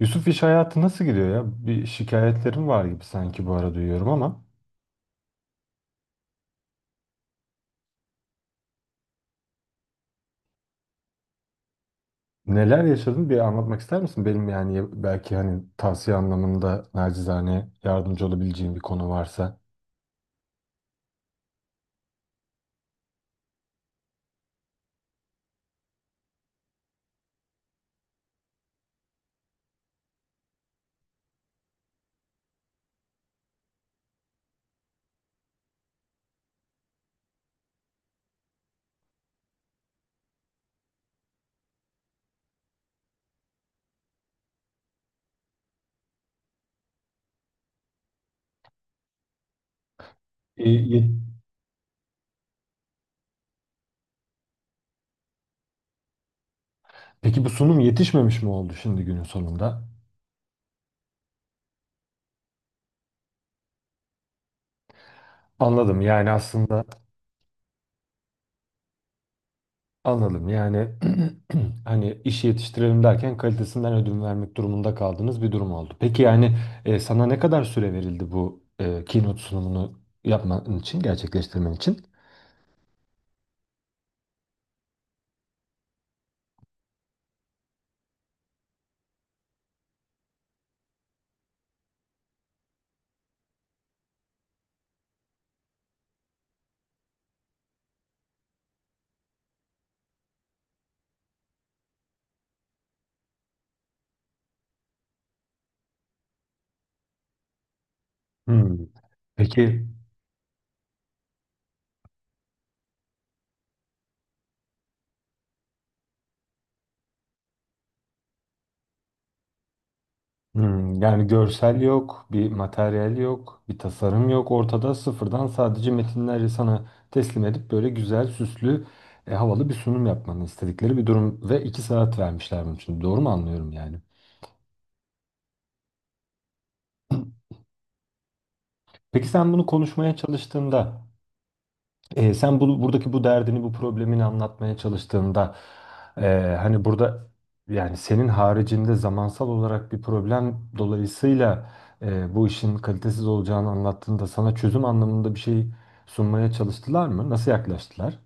Yusuf, iş hayatı nasıl gidiyor ya? Bir şikayetlerin var gibi sanki, bu ara duyuyorum ama. Neler yaşadın, bir anlatmak ister misin? Benim, yani belki hani tavsiye anlamında nacizane yardımcı olabileceğim bir konu varsa. E, ye- Peki bu sunum yetişmemiş mi oldu şimdi günün sonunda? Anladım, yani aslında anladım yani. Hani iş yetiştirelim derken kalitesinden ödün vermek durumunda kaldığınız bir durum oldu. Peki yani, sana ne kadar süre verildi bu keynote sunumunu yapman için, gerçekleştirmen için? Hmm. Peki. Yani görsel yok, bir materyal yok, bir tasarım yok ortada; sıfırdan sadece metinleri sana teslim edip böyle güzel, süslü, havalı bir sunum yapmanı istedikleri bir durum ve 2 saat vermişler bunun için. Doğru mu anlıyorum yani? Peki sen bunu konuşmaya çalıştığında, sen bu, buradaki bu derdini, bu problemini anlatmaya çalıştığında, hani burada, yani senin haricinde zamansal olarak bir problem dolayısıyla bu işin kalitesiz olacağını anlattığında, sana çözüm anlamında bir şey sunmaya çalıştılar mı? Nasıl yaklaştılar?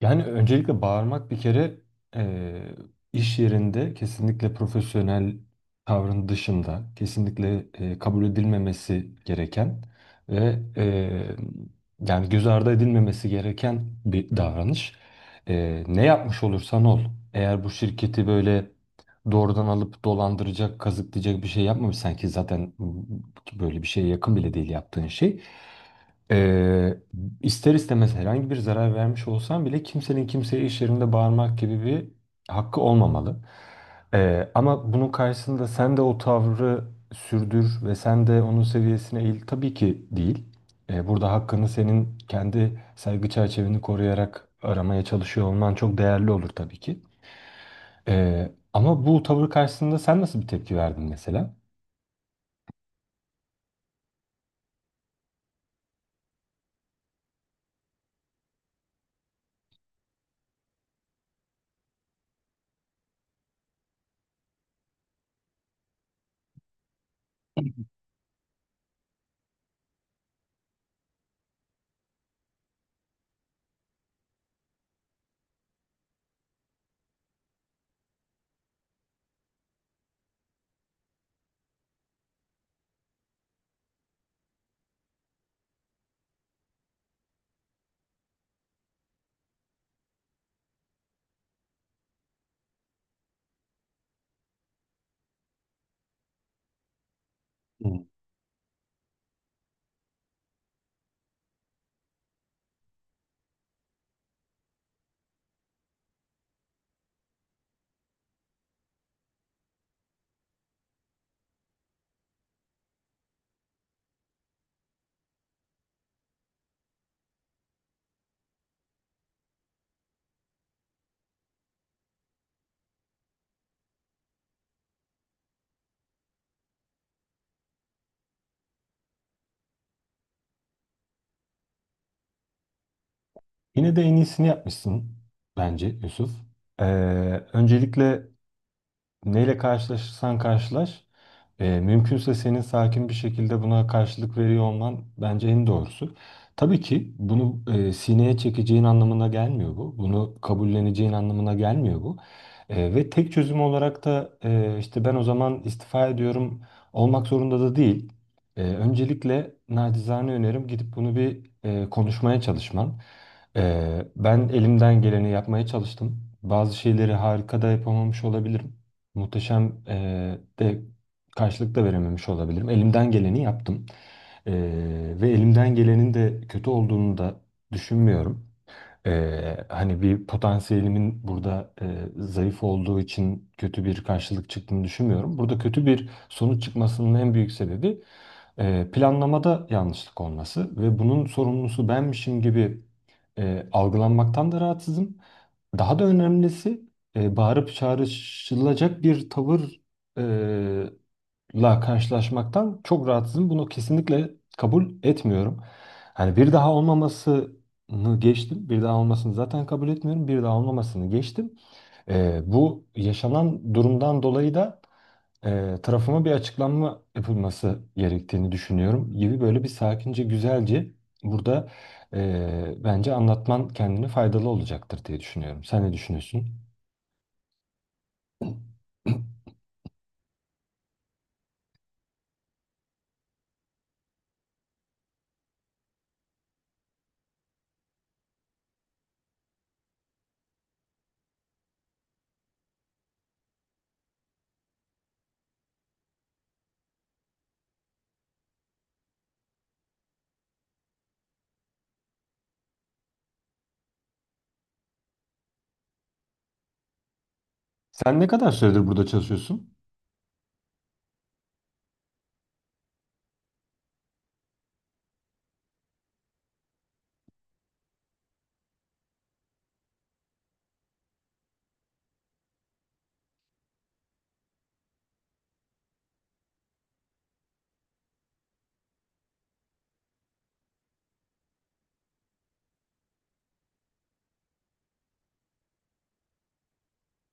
Yani öncelikle bağırmak bir kere, eee, iş yerinde kesinlikle profesyonel tavrın dışında, kesinlikle kabul edilmemesi gereken ve yani göz ardı edilmemesi gereken bir davranış. Ne yapmış olursan ol, eğer bu şirketi böyle doğrudan alıp dolandıracak, kazıklayacak bir şey yapmamışsan -ki zaten böyle bir şeye yakın bile değil yaptığın şey- Eee, İster istemez herhangi bir zarar vermiş olsam bile kimsenin kimseye iş yerinde bağırmak gibi bir hakkı olmamalı. Ama bunun karşısında sen de o tavrı sürdür ve sen de onun seviyesine eğil. Tabii ki değil. Burada hakkını, senin kendi saygı çerçeveni koruyarak aramaya çalışıyor olman çok değerli olur tabii ki. Ama bu tavır karşısında sen nasıl bir tepki verdin mesela? Hmm. Yine de en iyisini yapmışsın bence, Yusuf. Ee, Öncelikle neyle karşılaşırsan karşılaş, mümkünse senin sakin bir şekilde buna karşılık veriyor olman bence en doğrusu. Tabii ki bunu sineye çekeceğin anlamına gelmiyor bu. Bunu kabulleneceğin anlamına gelmiyor bu. Ve tek çözüm olarak da, işte ben o zaman istifa ediyorum olmak zorunda da değil. Öncelikle nacizane önerim, gidip bunu bir konuşmaya çalışman. E, Ben elimden geleni yapmaya çalıştım. Bazı şeyleri harika da yapamamış olabilirim. Muhteşem de karşılık da verememiş olabilirim. Elimden geleni yaptım. Ve elimden gelenin de kötü olduğunu da düşünmüyorum. Hani bir potansiyelimin burada zayıf olduğu için kötü bir karşılık çıktığını düşünmüyorum. Burada kötü bir sonuç çıkmasının en büyük sebebi planlamada yanlışlık olması ve bunun sorumlusu benmişim gibi algılanmaktan da rahatsızım. Daha da önemlisi bağırıp çağrışılacak bir tavır la karşılaşmaktan çok rahatsızım. Bunu kesinlikle kabul etmiyorum. Hani bir daha olmamasını geçtim, bir daha olmasını zaten kabul etmiyorum. Bir daha olmamasını geçtim. Bu yaşanan durumdan dolayı da tarafıma bir açıklanma yapılması gerektiğini düşünüyorum gibi, böyle bir sakince, güzelce burada bence anlatman kendini faydalı olacaktır diye düşünüyorum. Sen ne düşünüyorsun? Sen ne kadar süredir burada çalışıyorsun?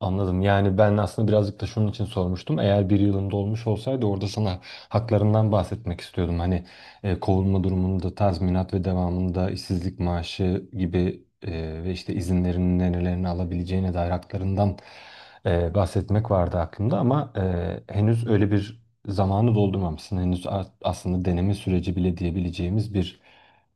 Anladım. Yani ben aslında birazcık da şunun için sormuştum. Eğer bir yılın dolmuş olsaydı, orada sana haklarından bahsetmek istiyordum. Hani kovulma durumunda tazminat ve devamında işsizlik maaşı gibi, ve işte izinlerin nerelerini alabileceğine dair haklarından bahsetmek vardı aklımda, ama henüz öyle bir zamanı doldurmamışsın. Henüz, aslında deneme süreci bile diyebileceğimiz bir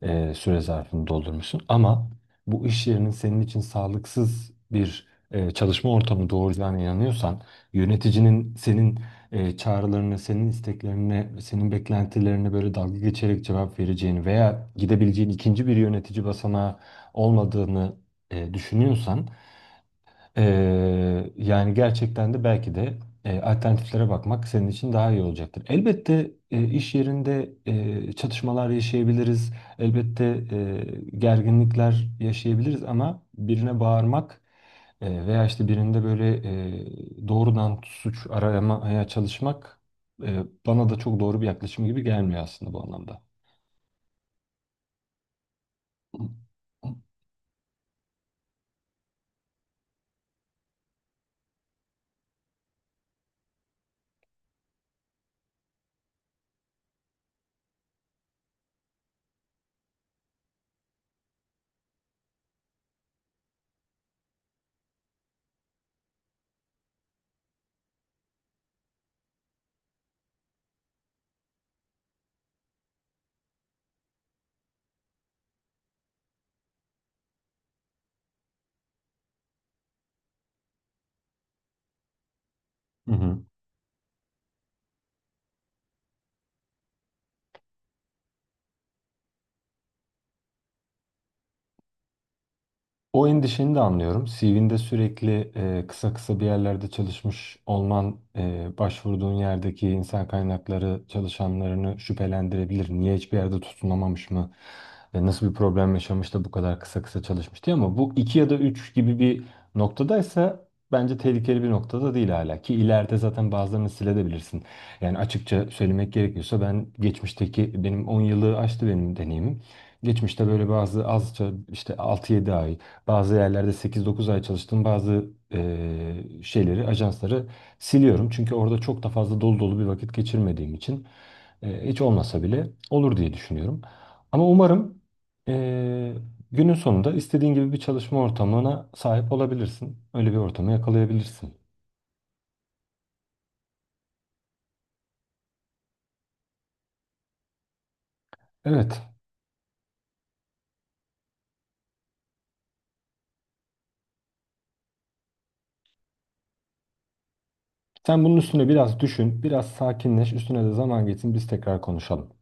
süre zarfını doldurmuşsun. Ama bu iş yerinin senin için sağlıksız bir çalışma ortamı doğuracağına inanıyorsan, yöneticinin senin çağrılarına, senin isteklerine, senin beklentilerine böyle dalga geçerek cevap vereceğini veya gidebileceğin ikinci bir yönetici basamağı olmadığını düşünüyorsan, yani gerçekten de belki de alternatiflere bakmak senin için daha iyi olacaktır. Elbette iş yerinde çatışmalar yaşayabiliriz. Elbette gerginlikler yaşayabiliriz, ama birine bağırmak veya işte birinde böyle doğrudan suç aramaya çalışmak bana da çok doğru bir yaklaşım gibi gelmiyor aslında, bu anlamda. Hı hı. O endişeni de anlıyorum. CV'nde sürekli kısa kısa bir yerlerde çalışmış olman, başvurduğun yerdeki insan kaynakları çalışanlarını şüphelendirebilir. Niye hiçbir yerde tutunamamış mı? Nasıl bir problem yaşamış da bu kadar kısa kısa çalışmış diye. Ama bu iki ya da üç gibi bir noktadaysa, bence tehlikeli bir noktada değil hala, ki ileride zaten bazılarını silebilirsin. Yani açıkça söylemek gerekiyorsa, ben geçmişteki, benim 10 yılı aştı benim deneyimim. Geçmişte böyle bazı azca, işte 6-7 ay, bazı yerlerde 8-9 ay çalıştığım bazı şeyleri, ajansları siliyorum. Çünkü orada çok da fazla dolu dolu bir vakit geçirmediğim için hiç olmasa bile olur diye düşünüyorum. Ama umarım eee, günün sonunda istediğin gibi bir çalışma ortamına sahip olabilirsin. Öyle bir ortamı yakalayabilirsin. Evet, sen bunun üstüne biraz düşün, biraz sakinleş, üstüne de zaman geçsin, biz tekrar konuşalım.